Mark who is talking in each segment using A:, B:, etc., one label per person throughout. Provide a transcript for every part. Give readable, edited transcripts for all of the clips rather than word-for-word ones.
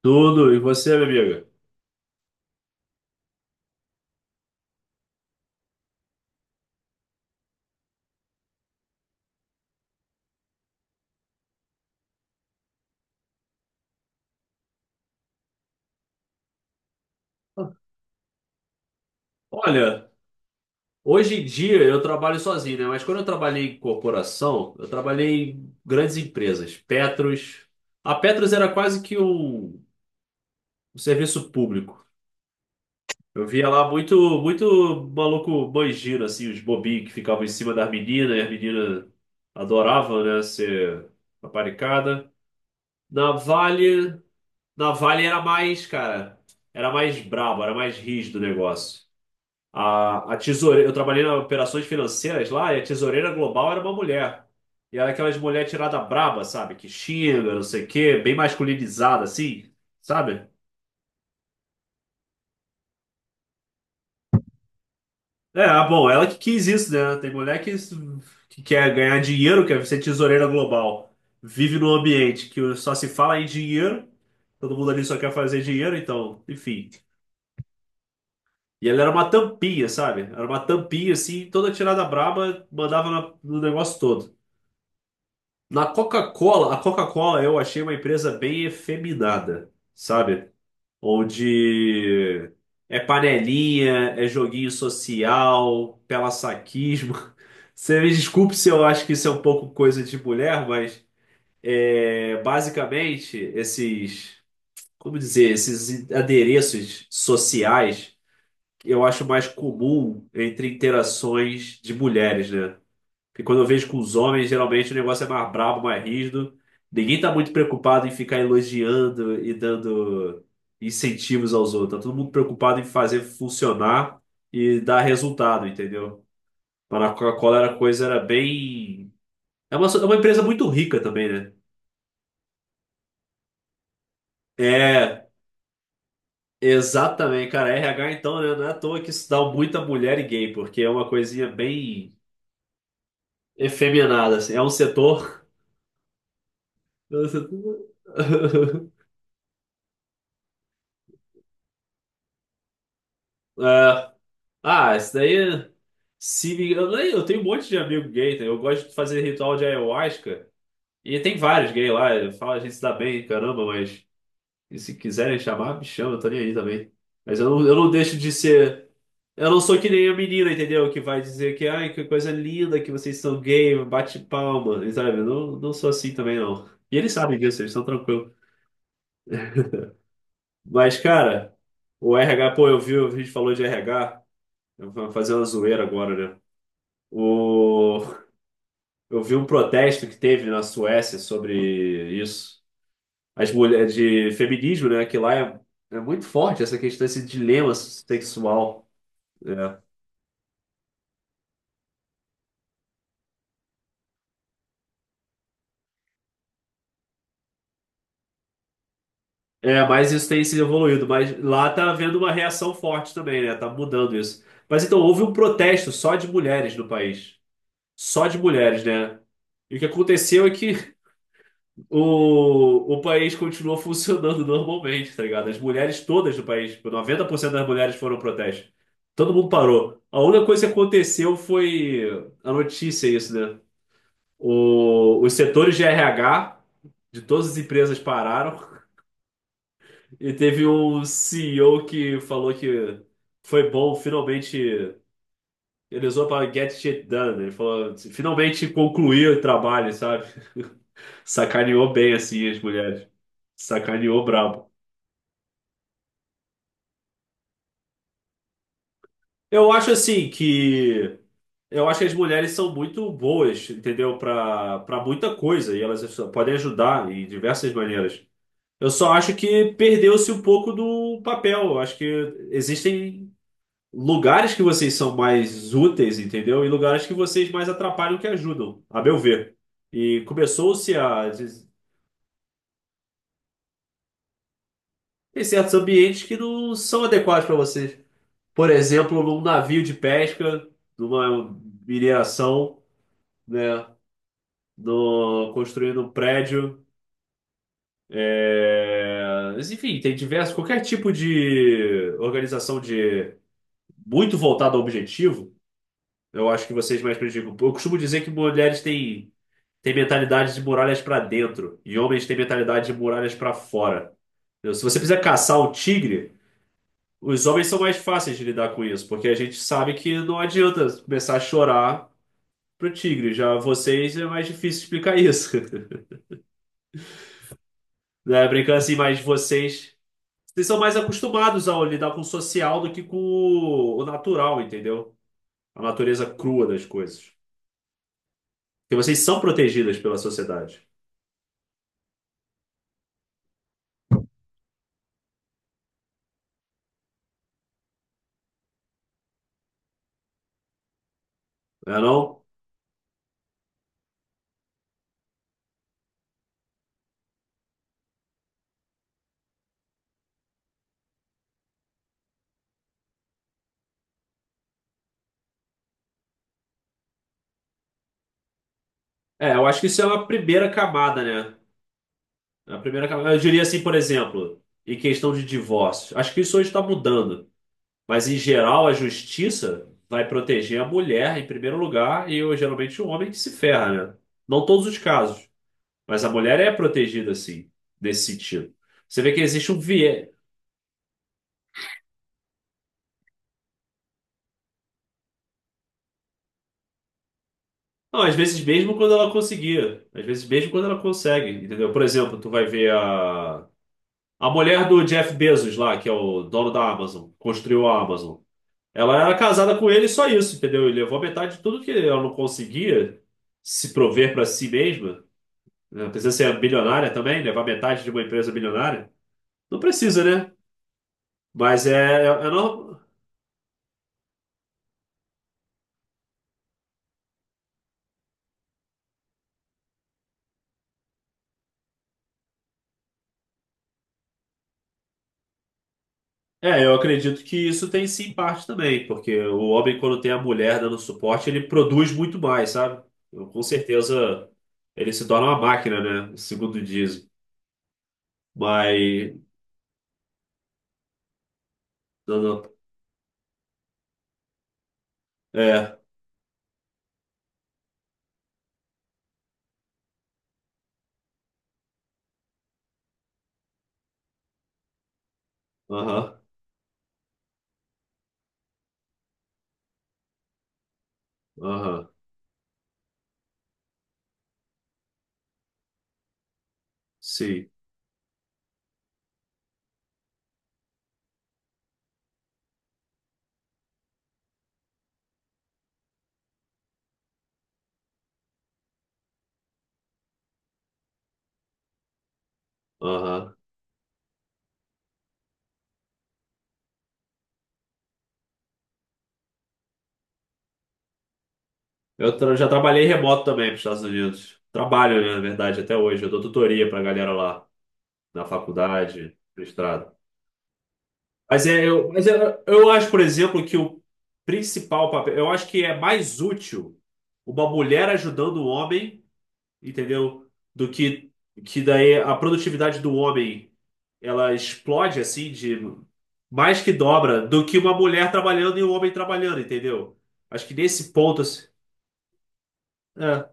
A: Tudo, e você, minha amiga? Olha, hoje em dia eu trabalho sozinho, né? Mas quando eu trabalhei em corporação, eu trabalhei em grandes empresas, Petros. A Petros era quase que um serviço público. Eu via lá muito, muito maluco banjiro, assim, os bobinhos que ficavam em cima das meninas, e as meninas adoravam, né, ser paparicada. Na Vale, na Vale era mais, cara, era mais brabo, era mais rígido o negócio. A tesoureira, eu trabalhei nas operações financeiras lá e a tesoureira global era uma mulher. E era aquelas mulher tirada braba, sabe? Que xinga, não sei o quê, bem masculinizada, assim, sabe? É, ah, bom, ela que quis isso, né? Tem mulher que quer ganhar dinheiro, quer ser tesoureira global. Vive num ambiente que só se fala em dinheiro, todo mundo ali só quer fazer dinheiro, então, enfim. E ela era uma tampinha, sabe? Era uma tampinha, assim, toda tirada braba, mandava na- no negócio todo. Na Coca-Cola, a Coca-Cola eu achei uma empresa bem efeminada, sabe? Onde é panelinha, é joguinho social, pela-saquismo. Você me desculpe se eu acho que isso é um pouco coisa de mulher, mas é, basicamente esses, como dizer, esses adereços sociais eu acho mais comum entre interações de mulheres, né? Porque quando eu vejo com os homens, geralmente o negócio é mais brabo, mais rígido. Ninguém tá muito preocupado em ficar elogiando e dando incentivos aos outros. Tá todo mundo preocupado em fazer funcionar e dar resultado, entendeu? Mas na Coca-Cola era coisa, era bem. É uma empresa muito rica também, né? É, exatamente, cara. RH então, né? Não é à toa que isso dá muita mulher e gay, porque é uma coisinha bem efeminada, assim. É um setor. É um setor- É, ah, isso daí é- se eu tenho um monte de amigo gay, tá? Eu gosto de fazer ritual de ayahuasca e tem vários gays lá, eu falo, a gente se dá bem, caramba, mas e se quiserem chamar, me chama, eu tô nem aí também. Mas eu não deixo de ser, eu não sou que nem a menina, entendeu? Que vai dizer que, ai, que coisa linda que vocês são gay, bate palma, e sabe? Eu não sou assim também, não. E eles sabem disso, eles estão tranquilos. Mas, cara, o RH, pô, eu vi, a gente falou de RH, eu vou fazer uma zoeira agora, né? O Eu vi um protesto que teve na Suécia sobre isso. As mulheres de feminismo, né? Que lá é muito forte essa questão, esse dilema sexual. É. É, mas isso tem se evoluído. Mas lá tá havendo uma reação forte também, né? Tá mudando isso. Mas então houve um protesto só de mulheres no país. Só de mulheres, né? E o que aconteceu é que o país continuou funcionando normalmente, tá ligado? As mulheres todas do país, tipo, 90% das mulheres foram ao protesto. Todo mundo parou. A única coisa que aconteceu foi a notícia, isso, né? Os setores de RH de todas as empresas pararam e teve um CEO que falou que foi bom, finalmente. Ele usou para get shit done. Né? Ele falou, finalmente concluiu o trabalho, sabe? Sacaneou bem, assim, as mulheres. Sacaneou brabo. Eu acho assim que. Eu acho que as mulheres são muito boas, entendeu? Pra muita coisa. E elas podem ajudar em diversas maneiras. Eu só acho que perdeu-se um pouco do papel. Eu acho que existem lugares que vocês são mais úteis, entendeu? E lugares que vocês mais atrapalham que ajudam, a meu ver. E começou-se a. Tem certos ambientes que não são adequados para vocês. Por exemplo, num navio de pesca, numa mineração, né? no, Construindo um prédio. É, mas, enfim, tem diversos, qualquer tipo de organização de muito voltada ao objetivo, eu acho que vocês mais prejudicam. Eu costumo dizer que mulheres têm, mentalidade de muralhas para dentro e homens têm mentalidade de muralhas para fora. Entendeu? Se você precisa caçar um tigre, os homens são mais fáceis de lidar com isso, porque a gente sabe que não adianta começar a chorar pro tigre. Já vocês é mais difícil explicar isso. Né? Brincando assim, mas vocês são mais acostumados a lidar com o social do que com o natural, entendeu? A natureza crua das coisas. Porque vocês são protegidas pela sociedade, não é não? É, eu acho que isso é uma primeira camada, né? É a primeira camada. Eu diria assim, por exemplo, em questão de divórcio. Acho que isso hoje está mudando. Mas, em geral, a justiça vai proteger a mulher em primeiro lugar e, eu, geralmente, o homem que se ferra, né? Não todos os casos. Mas a mulher é protegida, assim, nesse sentido. Você vê que existe um viés. Não, às vezes mesmo quando ela conseguia. Às vezes mesmo quando ela consegue, entendeu? Por exemplo, tu vai ver a... A mulher do Jeff Bezos lá, que é o dono da Amazon, construiu a Amazon. Ela era casada com ele e só isso, entendeu? Ele levou a metade de tudo que ela não conseguia se prover para si mesma. Né? Não precisa ser bilionária também, levar metade de uma empresa bilionária. Não precisa, né? Mas é normal. É, eu acredito que isso tem sim parte também, porque o homem, quando tem a mulher dando suporte, ele produz muito mais, sabe? Eu, com certeza ele se torna uma máquina, né? Segundo dizem. Mas. Não, não. É, aham, aham, sim, aham. Já trabalhei remoto também para os Estados Unidos. Trabalho, né, na verdade, até hoje. Eu dou tutoria para a galera lá, na faculdade, mestrado. Mas, é, eu acho, por exemplo, que o principal papel, eu acho que é mais útil uma mulher ajudando o homem, entendeu? Do que daí a produtividade do homem ela explode assim de mais que dobra do que uma mulher trabalhando e um homem trabalhando, entendeu? Acho que nesse ponto assim, é.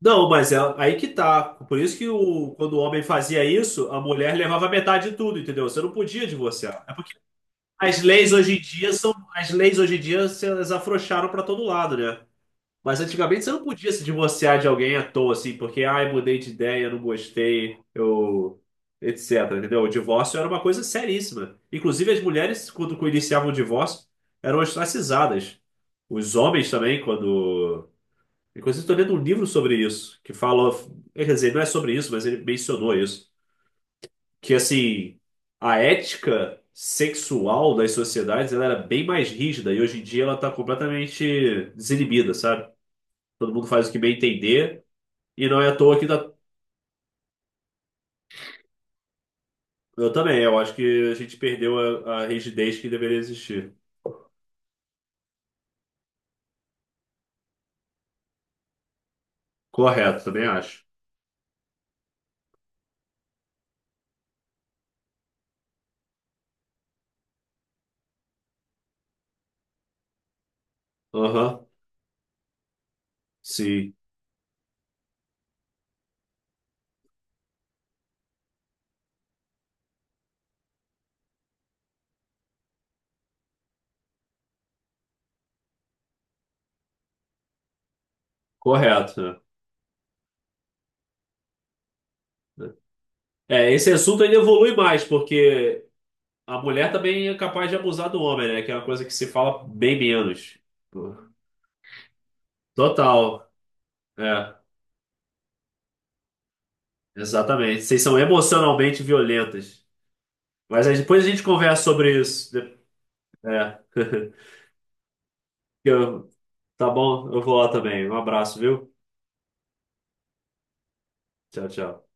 A: Não, mas é aí que tá. Por isso que quando o homem fazia isso, a mulher levava metade de tudo, entendeu? Você não podia divorciar. As leis hoje em dia elas afrouxaram pra todo lado, né? Mas antigamente você não podia se divorciar de alguém à toa, assim, porque, ai, mudei de ideia, não gostei, eu, etc, entendeu? O divórcio era uma coisa seríssima. Inclusive as mulheres, quando iniciavam o divórcio, eram ostracizadas. Os homens também, quando... Inclusive estou lendo um livro sobre isso, que fala... Quer dizer, não é sobre isso, mas ele mencionou isso que assim, a ética sexual das sociedades ela era bem mais rígida e hoje em dia ela está completamente desinibida, sabe? Todo mundo faz o que bem entender e não é à toa que tá eu também, eu acho que a gente perdeu a rigidez que deveria existir. Correto, também acho. Aham, sim, correto. Né? É, esse assunto ele evolui mais, porque a mulher também é capaz de abusar do homem, né? Que é uma coisa que se fala bem menos. Total. É. Exatamente. Vocês são emocionalmente violentas. Mas aí depois a gente conversa sobre isso. É. Eu- Tá bom? Eu vou lá também. Um abraço, viu? Tchau, tchau.